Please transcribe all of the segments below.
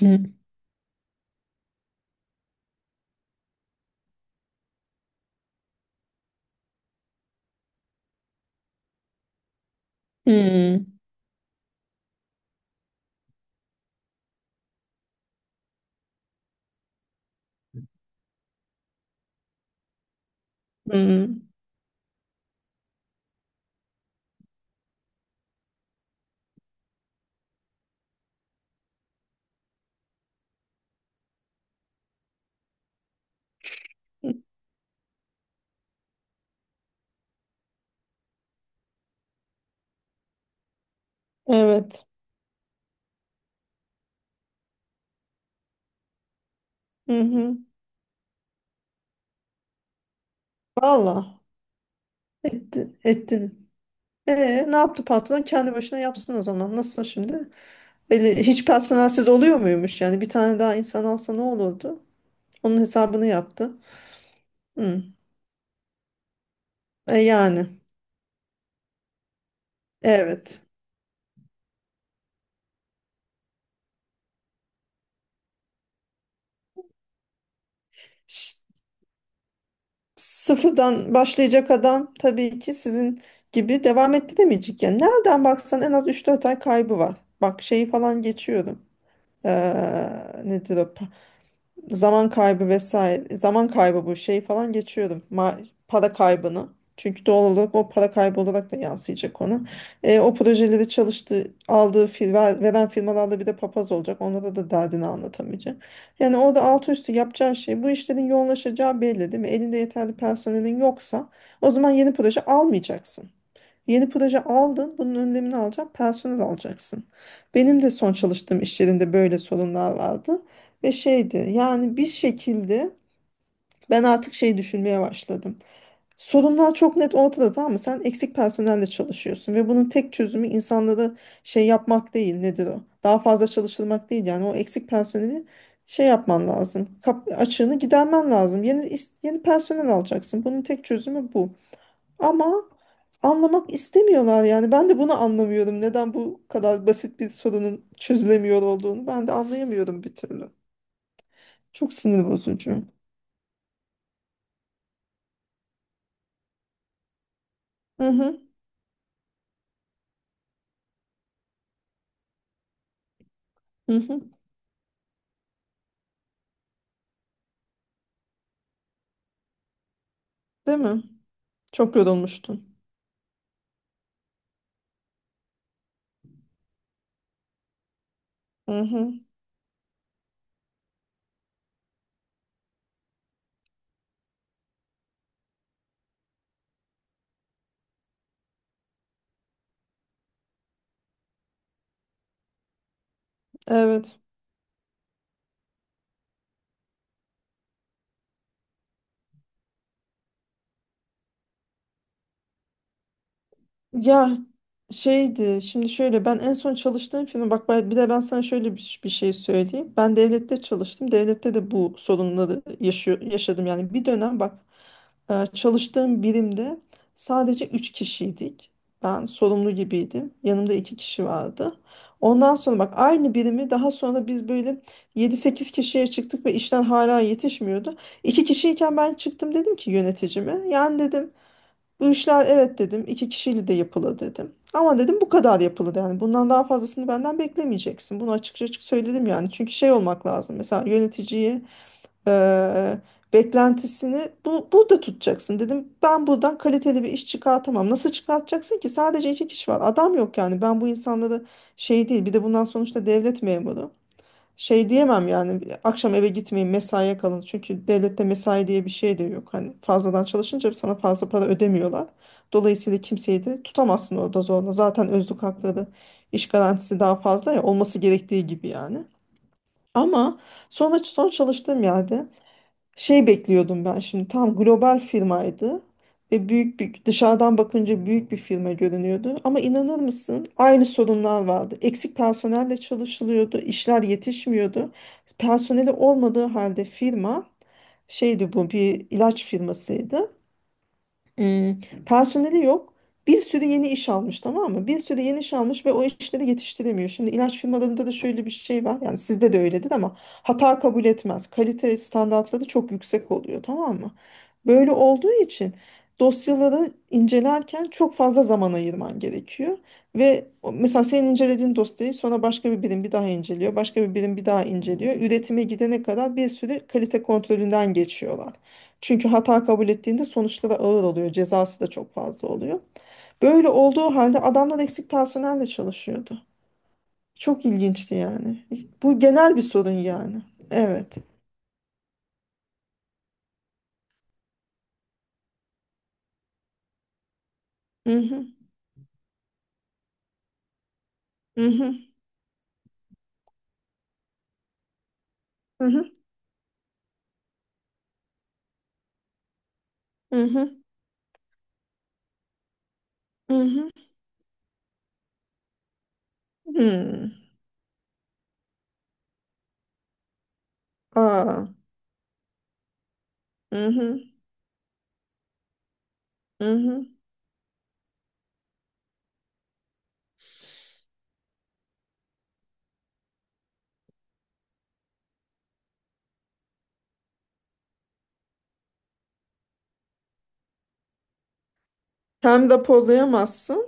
Hı. Hı. Hı. Evet. Hı hı. Valla. Etti, ettiniz. E, Ne yaptı patron? Kendi başına yapsın o zaman. Nasıl şimdi? Öyle hiç personelsiz oluyor muymuş yani? Bir tane daha insan alsa ne olurdu? Onun hesabını yaptı. Hı. E, yani. Evet. Ş- Sıfırdan başlayacak adam tabii ki sizin gibi devam ettiremeyecek. Yani nereden baksan en az üç dört ay kaybı var. Bak şeyi falan geçiyorum. Nedir o? Zaman kaybı vesaire, zaman kaybı, bu şey falan geçiyorum, ma para kaybını, çünkü doğal olarak o para kaybı olarak da yansıyacak ona. O projeleri çalıştığı aldığı veren firmalarda bir de papaz olacak, onlara da derdini anlatamayacak yani. Orada altı üstü yapacağı şey, bu işlerin yoğunlaşacağı belli değil mi? Elinde yeterli personelin yoksa o zaman yeni proje almayacaksın. Yeni proje aldın, bunun önlemini alacak, personel alacaksın. Benim de son çalıştığım iş yerinde böyle sorunlar vardı ve şeydi yani bir şekilde ben artık şey düşünmeye başladım. Sorunlar çok net ortada, tamam mı? Sen eksik personelle çalışıyorsun ve bunun tek çözümü insanları şey yapmak değil, nedir o? Daha fazla çalıştırmak değil yani. O eksik personeli şey yapman lazım. Açığını gidermen lazım. Yeni, yeni personel alacaksın. Bunun tek çözümü bu. Ama anlamak istemiyorlar yani. Ben de bunu anlamıyorum. Neden bu kadar basit bir sorunun çözülemiyor olduğunu ben de anlayamıyorum bir türlü. Çok sinir bozucu. Hı hı, hı hı. Değil mi? Çok yorulmuştun. Hı hı. Evet. Ya şeydi şimdi şöyle, ben en son çalıştığım firma, bir de ben sana şöyle bir şey söyleyeyim. Ben devlette çalıştım. Devlette de bu sorunları yaşadım. Yani bir dönem bak, çalıştığım birimde sadece 3 kişiydik. Ben sorumlu gibiydim. Yanımda 2 kişi vardı. Ondan sonra bak, aynı birimi daha sonra biz böyle yedi sekiz kişiye çıktık ve işten hala yetişmiyordu. İki kişiyken ben çıktım, dedim ki yöneticime. Yani dedim, bu işler evet dedim, iki kişiyle de yapılır dedim. Ama dedim bu kadar yapılır yani. Bundan daha fazlasını benden beklemeyeceksin. Bunu açıkça açık söyledim yani. Çünkü şey olmak lazım. Mesela yöneticiyi, eee, beklentisini bu burada tutacaksın dedim. Ben buradan kaliteli bir iş çıkartamam. Nasıl çıkartacaksın ki? Sadece iki kişi var. Adam yok yani. Ben bu insanları şey değil. Bir de bundan, sonuçta devlet memuru. Şey diyemem yani, akşam eve gitmeyin mesaiye kalın. Çünkü devlette mesai diye bir şey de yok. Hani fazladan çalışınca sana fazla para ödemiyorlar. Dolayısıyla kimseyi de tutamazsın orada zorla. Zaten özlük hakları, iş garantisi daha fazla, ya olması gerektiği gibi yani. Ama sonra son çalıştığım yerde şey bekliyordum ben, şimdi tam global firmaydı ve büyük bir, dışarıdan bakınca büyük bir firma görünüyordu, ama inanır mısın aynı sorunlar vardı. Eksik personelle çalışılıyordu, işler yetişmiyordu. Personeli olmadığı halde firma şeydi, bu bir ilaç firmasıydı. Hmm, personeli yok. Bir sürü yeni iş almış, tamam mı? Bir sürü yeni iş almış ve o işleri yetiştiremiyor. Şimdi ilaç firmalarında da şöyle bir şey var. Yani sizde de öyledir ama hata kabul etmez. Kalite standartları çok yüksek oluyor, tamam mı? Böyle olduğu için dosyaları incelerken çok fazla zaman ayırman gerekiyor. Ve mesela senin incelediğin dosyayı sonra başka bir birim bir daha inceliyor. Başka bir birim bir daha inceliyor. Üretime gidene kadar bir sürü kalite kontrolünden geçiyorlar. Çünkü hata kabul ettiğinde sonuçları ağır oluyor. Cezası da çok fazla oluyor. Böyle olduğu halde adamlar eksik personelle çalışıyordu. Çok ilginçti yani. Bu genel bir sorun yani. Evet. Hı hı. Hı hı. Hı hı. Hı hı. Hı hı. Hmm. Aa. Hı hı. Hı hı. Hem depolayamazsın,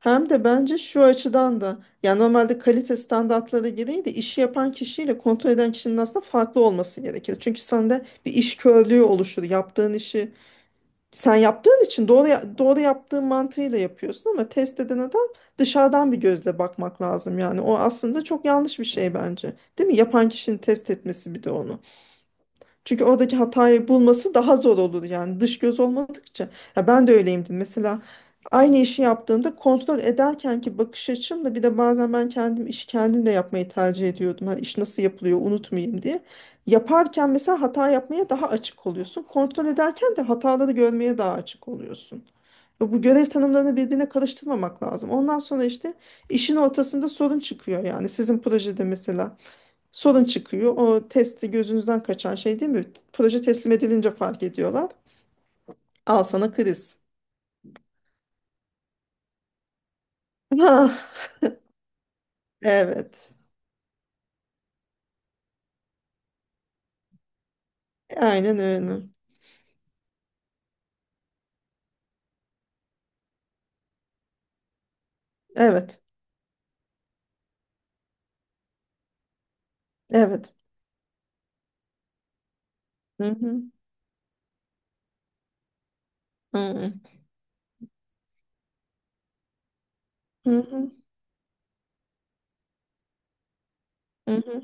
hem de bence şu açıdan da, yani normalde kalite standartları gereği de işi yapan kişiyle kontrol eden kişinin aslında farklı olması gerekir. Çünkü sende bir iş körlüğü oluşur. Yaptığın işi sen yaptığın için doğru yaptığın mantığıyla yapıyorsun, ama test eden adam dışarıdan bir gözle bakmak lazım yani. O aslında çok yanlış bir şey bence, değil mi, yapan kişinin test etmesi bir de onu. Çünkü oradaki hatayı bulması daha zor olur yani, dış göz olmadıkça. Ya ben de öyleyimdir. Mesela aynı işi yaptığımda kontrol ederken ki bakış açımla, bir de bazen ben kendim işi kendim de yapmayı tercih ediyordum. Hani iş nasıl yapılıyor unutmayayım diye. Yaparken mesela hata yapmaya daha açık oluyorsun. Kontrol ederken de hataları görmeye daha açık oluyorsun. Ve bu görev tanımlarını birbirine karıştırmamak lazım. Ondan sonra işte işin ortasında sorun çıkıyor yani. Sizin projede mesela sorun çıkıyor. O testi gözünüzden kaçan şey değil mi? Proje teslim edilince fark ediyorlar. Al sana kriz. Ah, evet. Aynen öyle. Evet. Evet. Hı hı. Hı hı. Hı hı. Hı hı.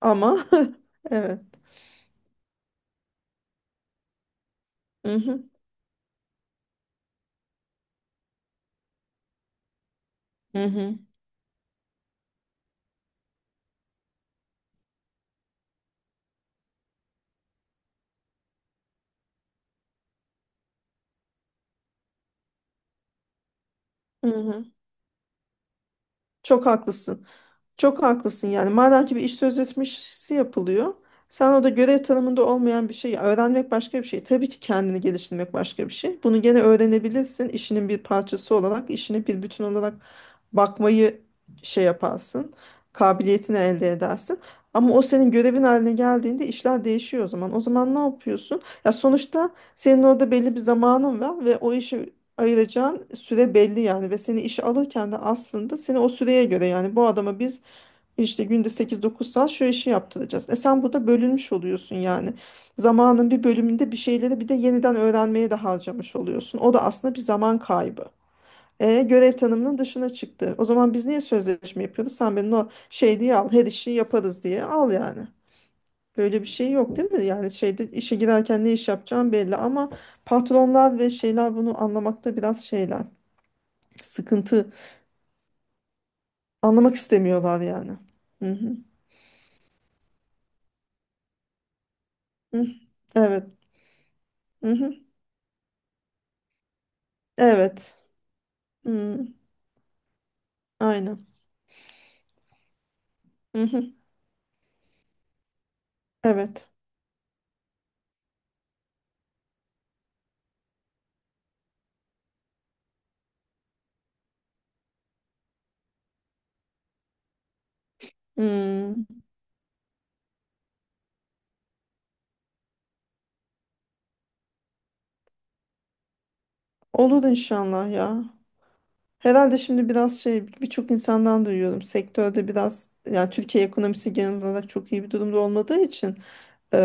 Ama evet. Hı hı. Hı hı. Hı hı. Çok haklısın. Çok haklısın yani. Madem ki bir iş sözleşmesi yapılıyor. Sen orada görev tanımında olmayan bir şey, öğrenmek başka bir şey. Tabii ki kendini geliştirmek başka bir şey. Bunu gene öğrenebilirsin. İşinin bir parçası olarak, işine bir bütün olarak bakmayı şey yaparsın. Kabiliyetini elde edersin. Ama o senin görevin haline geldiğinde işler değişiyor o zaman. O zaman ne yapıyorsun? Ya sonuçta senin orada belli bir zamanın var ve o işe ayıracağın süre belli yani, ve seni işe alırken de aslında seni o süreye göre, yani bu adama biz işte günde sekiz dokuz saat şu işi yaptıracağız. E sen burada bölünmüş oluyorsun yani. Zamanın bir bölümünde bir şeyleri bir de yeniden öğrenmeye de harcamış oluyorsun. O da aslında bir zaman kaybı. E, görev tanımının dışına çıktı. O zaman biz niye sözleşme yapıyoruz? Sen benim o şey diye al, her işi yaparız diye al yani. Böyle bir şey yok değil mi? Yani şeyde, işe girerken ne iş yapacağım belli, ama patronlar ve şeyler bunu anlamakta biraz şeyler. Sıkıntı. Anlamak istemiyorlar yani. Hı hı. Hı. Evet. Hı hı. Evet. Hmm, aynen. Hı hı, evet. Hmm, olur inşallah ya. Herhalde şimdi biraz şey, birçok insandan duyuyorum. Sektörde biraz, yani Türkiye ekonomisi genel olarak çok iyi bir durumda olmadığı için, eee,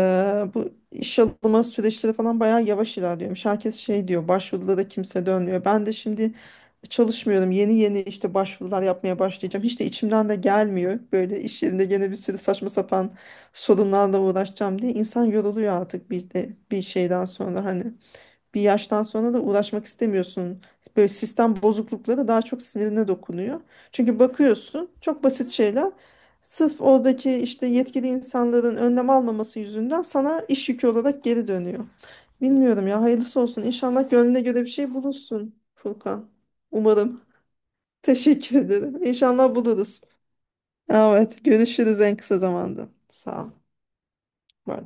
bu iş alma süreçleri falan bayağı yavaş ilerliyormuş. Herkes şey diyor, başvuruda da kimse dönmüyor. Ben de şimdi çalışmıyorum. Yeni yeni işte başvurular yapmaya başlayacağım. Hiç de içimden de gelmiyor. Böyle iş yerinde gene bir sürü saçma sapan sorunlarla uğraşacağım diye insan yoruluyor artık, bir de bir şeyden sonra, hani bir yaştan sonra da uğraşmak istemiyorsun. Böyle sistem bozuklukları da daha çok sinirine dokunuyor. Çünkü bakıyorsun çok basit şeyler sırf oradaki işte yetkili insanların önlem almaması yüzünden sana iş yükü olarak geri dönüyor. Bilmiyorum ya, hayırlısı olsun. İnşallah gönlüne göre bir şey bulursun Furkan. Umarım. Teşekkür ederim. İnşallah buluruz. Evet, görüşürüz en kısa zamanda. Sağ ol. Bye.